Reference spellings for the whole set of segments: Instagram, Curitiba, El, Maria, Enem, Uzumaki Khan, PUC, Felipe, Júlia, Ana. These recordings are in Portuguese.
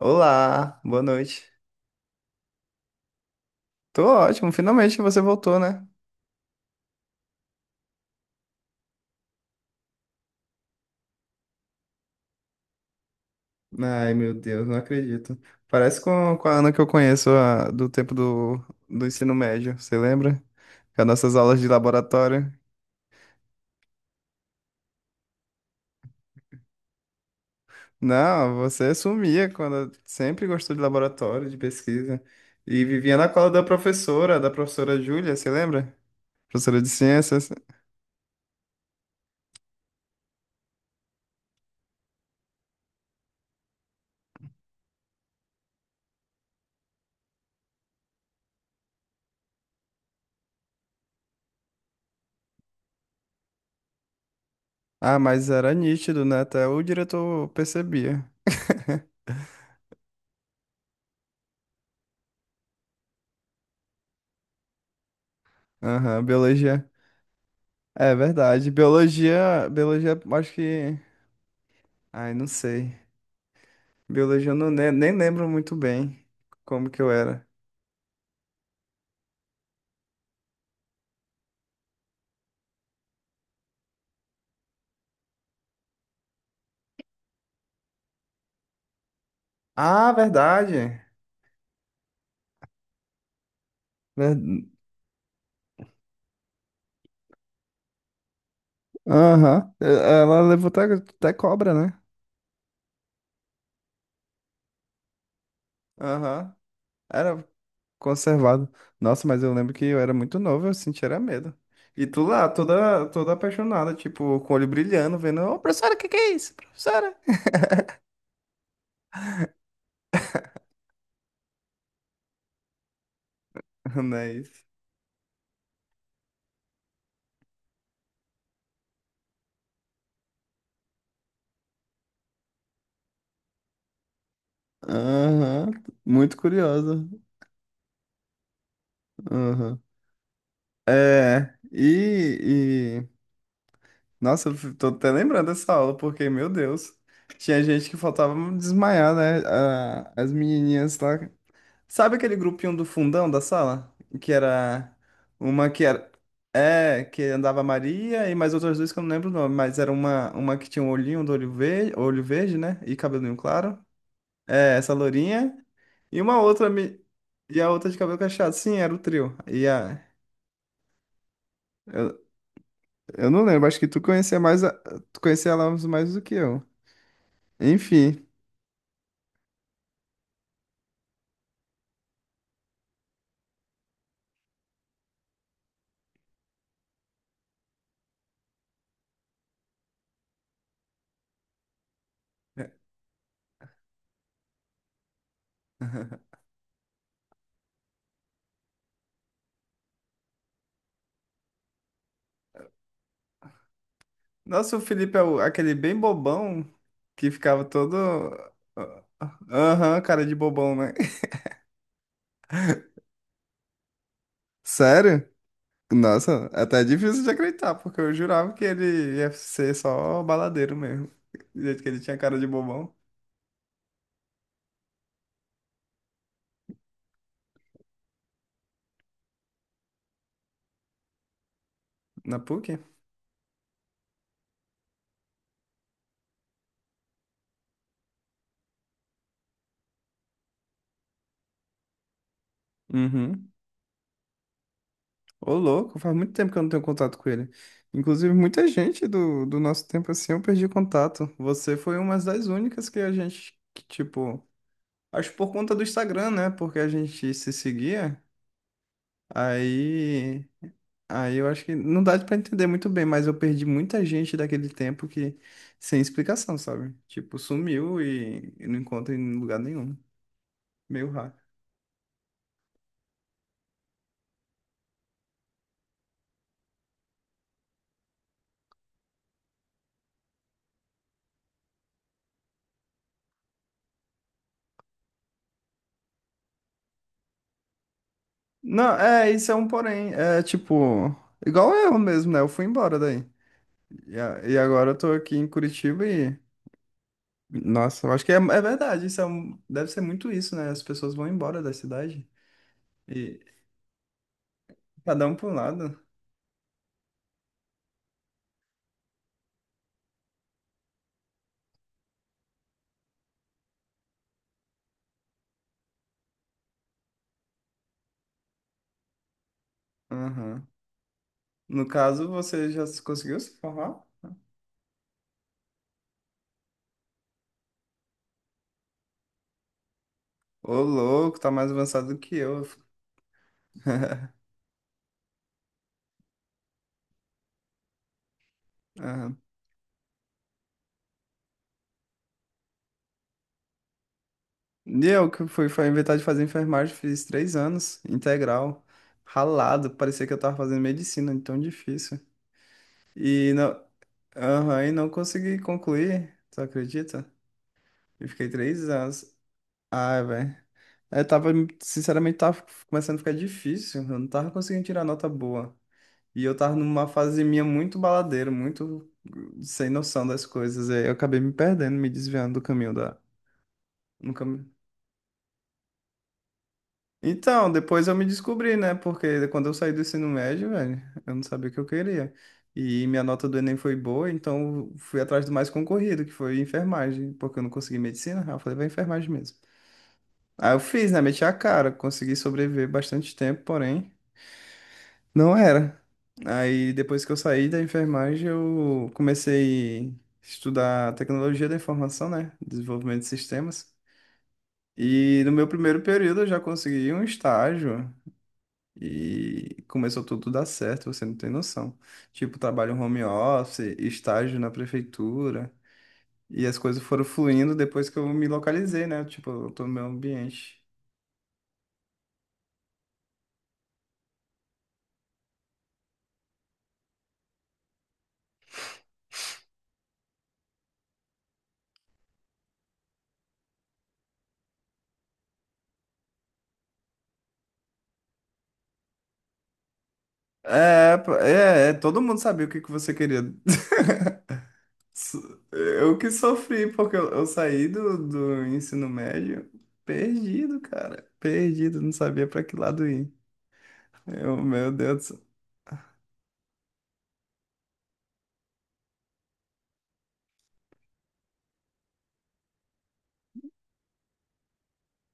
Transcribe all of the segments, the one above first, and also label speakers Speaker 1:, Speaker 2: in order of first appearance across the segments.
Speaker 1: Olá, boa noite. Tô ótimo, finalmente você voltou, né? Ai, meu Deus, não acredito. Parece com a Ana que eu conheço do tempo do ensino médio, você lembra? Com as nossas aulas de laboratório. Não, você sumia quando sempre gostou de laboratório, de pesquisa. E vivia na cola da professora Júlia, você lembra? Professora de ciências. Ah, mas era nítido, né? Até o diretor percebia. Aham, biologia. É verdade. Biologia, biologia, acho que. Ai, não sei. Biologia eu não, nem lembro muito bem como que eu era. Ah, verdade. Ver- Aham. Ela levou até cobra, né? Aham. Era conservado. Nossa, mas eu lembro que eu era muito novo, eu sentia era medo. E tu lá, toda, toda apaixonada, tipo, com o olho brilhando, vendo, ô, professora, o que que é isso? Professora? Não é isso. Aham. Muito curiosa. Aham. É, nossa, eu tô até lembrando dessa aula, porque, meu Deus, tinha gente que faltava desmaiar, né? As menininhas lá. Sabe aquele grupinho do fundão da sala? Que era uma que era. É, que andava a Maria e mais outras duas que eu não lembro o nome, mas era uma, que tinha um olhinho do olho verde, né? E cabelinho claro. É, essa lourinha. E uma outra. E a outra de cabelo cacheado. Sim, era o trio. E a. Eu não lembro, acho que tu conhecia mais, tu conhecia ela mais do que eu. Enfim. Nossa, o Felipe é aquele bem bobão que ficava todo. Aham, cara de bobão, né? Sério? Nossa, é até é difícil de acreditar, porque eu jurava que ele ia ser só baladeiro mesmo. Do jeito que ele tinha cara de bobão. Na PUC? Uhum. Ô, louco, faz muito tempo que eu não tenho contato com ele. Inclusive, muita gente do nosso tempo assim eu perdi contato. Você foi uma das únicas que a gente, que, tipo, acho por conta do Instagram, né? Porque a gente se seguia. Aí, aí, eu acho que não dá pra entender muito bem, mas eu perdi muita gente daquele tempo que, sem explicação, sabe? Tipo, sumiu e não encontro em lugar nenhum. Meio raro. Não, isso é um porém. É tipo, igual eu mesmo, né? Eu fui embora daí. E agora eu tô aqui em Curitiba e. Nossa, eu acho que é verdade. Isso é deve ser muito isso, né? As pessoas vão embora da cidade. E cada um para um lado. Aham. No caso, você já conseguiu se formar? Ô, louco, tá mais avançado do que eu. Aham. E eu que fui inventar de fazer enfermagem, fiz três anos, integral, ralado, parecia que eu tava fazendo medicina, de tão difícil. E não, aham, e não consegui concluir, tu acredita? Eu fiquei três anos. Ai, velho. Eu tava, sinceramente, tava começando a ficar difícil. Eu não tava conseguindo tirar nota boa. E eu tava numa fase minha muito baladeira, muito sem noção das coisas. Aí eu acabei me perdendo, me desviando do caminho da. No caminho. Então, depois eu me descobri, né? Porque quando eu saí do ensino médio, velho, eu não sabia o que eu queria. E minha nota do Enem foi boa, então eu fui atrás do mais concorrido, que foi enfermagem, porque eu não consegui medicina. Aí eu falei, vai enfermagem mesmo. Aí eu fiz, né? Meti a cara, consegui sobreviver bastante tempo, porém, não era. Aí depois que eu saí da enfermagem, eu comecei a estudar tecnologia da informação, né? Desenvolvimento de sistemas. E no meu primeiro período eu já consegui um estágio e começou tudo a dar certo, você não tem noção. Tipo, trabalho home office, estágio na prefeitura, e as coisas foram fluindo depois que eu me localizei, né? Tipo, eu tô no meu ambiente. É, pô, é, todo mundo sabia o que que você queria. Eu que sofri, porque eu saí do ensino médio perdido, cara. Perdido, não sabia pra que lado ir. Eu, meu Deus.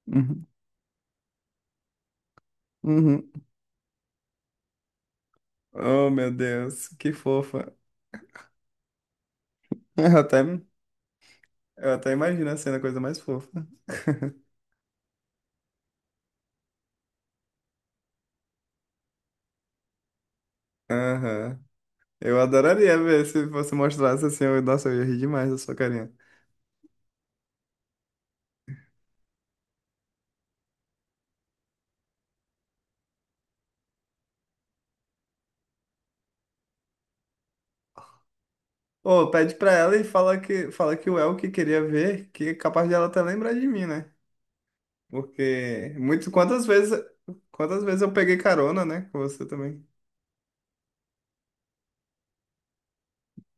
Speaker 1: Uhum, uhum. Oh, meu Deus, que fofa. Eu até, eu até imagino a cena, a coisa mais fofa. Aham. Eu adoraria ver se você mostrasse assim. Eu, nossa, eu ia rir demais da sua carinha. Ô, pede pra ela e fala que o El que queria ver, que é capaz de ela até lembrar de mim, né? Porque muito, quantas vezes eu peguei carona, né? Com você também.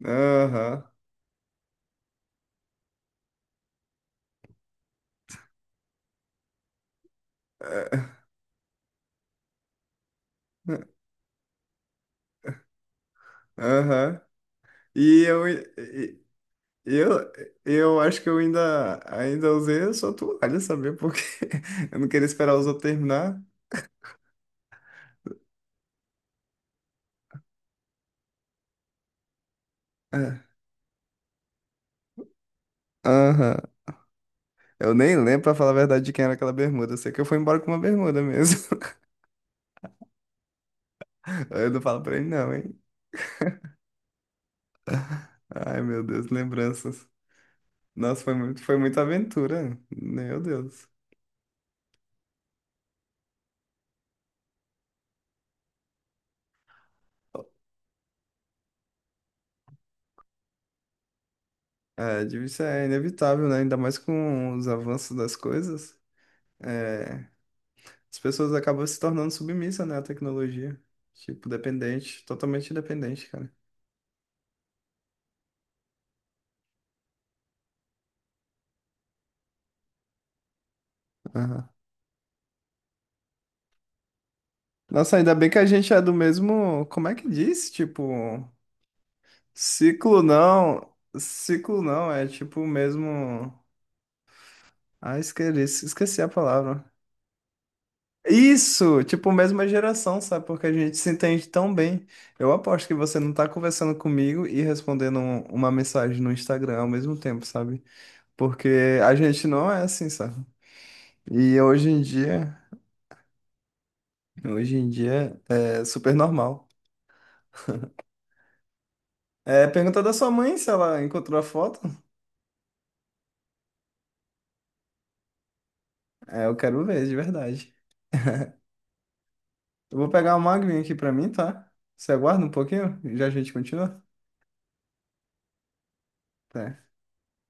Speaker 1: Aham. É, Aham. E eu, e- eu, eu acho que eu ainda usei a sua toalha, sabia? Porque eu não queria esperar os outros terminar. É. Aham. Eu nem lembro, pra falar a verdade, de quem era aquela bermuda. Eu sei que eu fui embora com uma bermuda mesmo. Eu não falo pra ele, não, hein? Ai, meu Deus, lembranças. Nossa, foi muita aventura. Meu Deus. É, divórcio é inevitável, né? Ainda mais com os avanços das coisas. É, as pessoas acabam se tornando submissas, né, à tecnologia. Tipo, dependente, totalmente dependente, cara. Aham. Nossa, ainda bem que a gente é do mesmo. Como é que diz? Tipo, ciclo não. Ciclo não, é tipo o mesmo. Ah, esqueci a palavra. Isso, tipo, mesma geração, sabe? Porque a gente se entende tão bem. Eu aposto que você não tá conversando comigo e respondendo uma mensagem no Instagram ao mesmo tempo, sabe? Porque a gente não é assim, sabe? E hoje em dia é super normal. É, pergunta da sua mãe se ela encontrou a foto. É, eu quero ver, de verdade. Eu vou pegar uma aguinha aqui pra mim, tá? Você aguarda um pouquinho? Já a gente continua? Tá.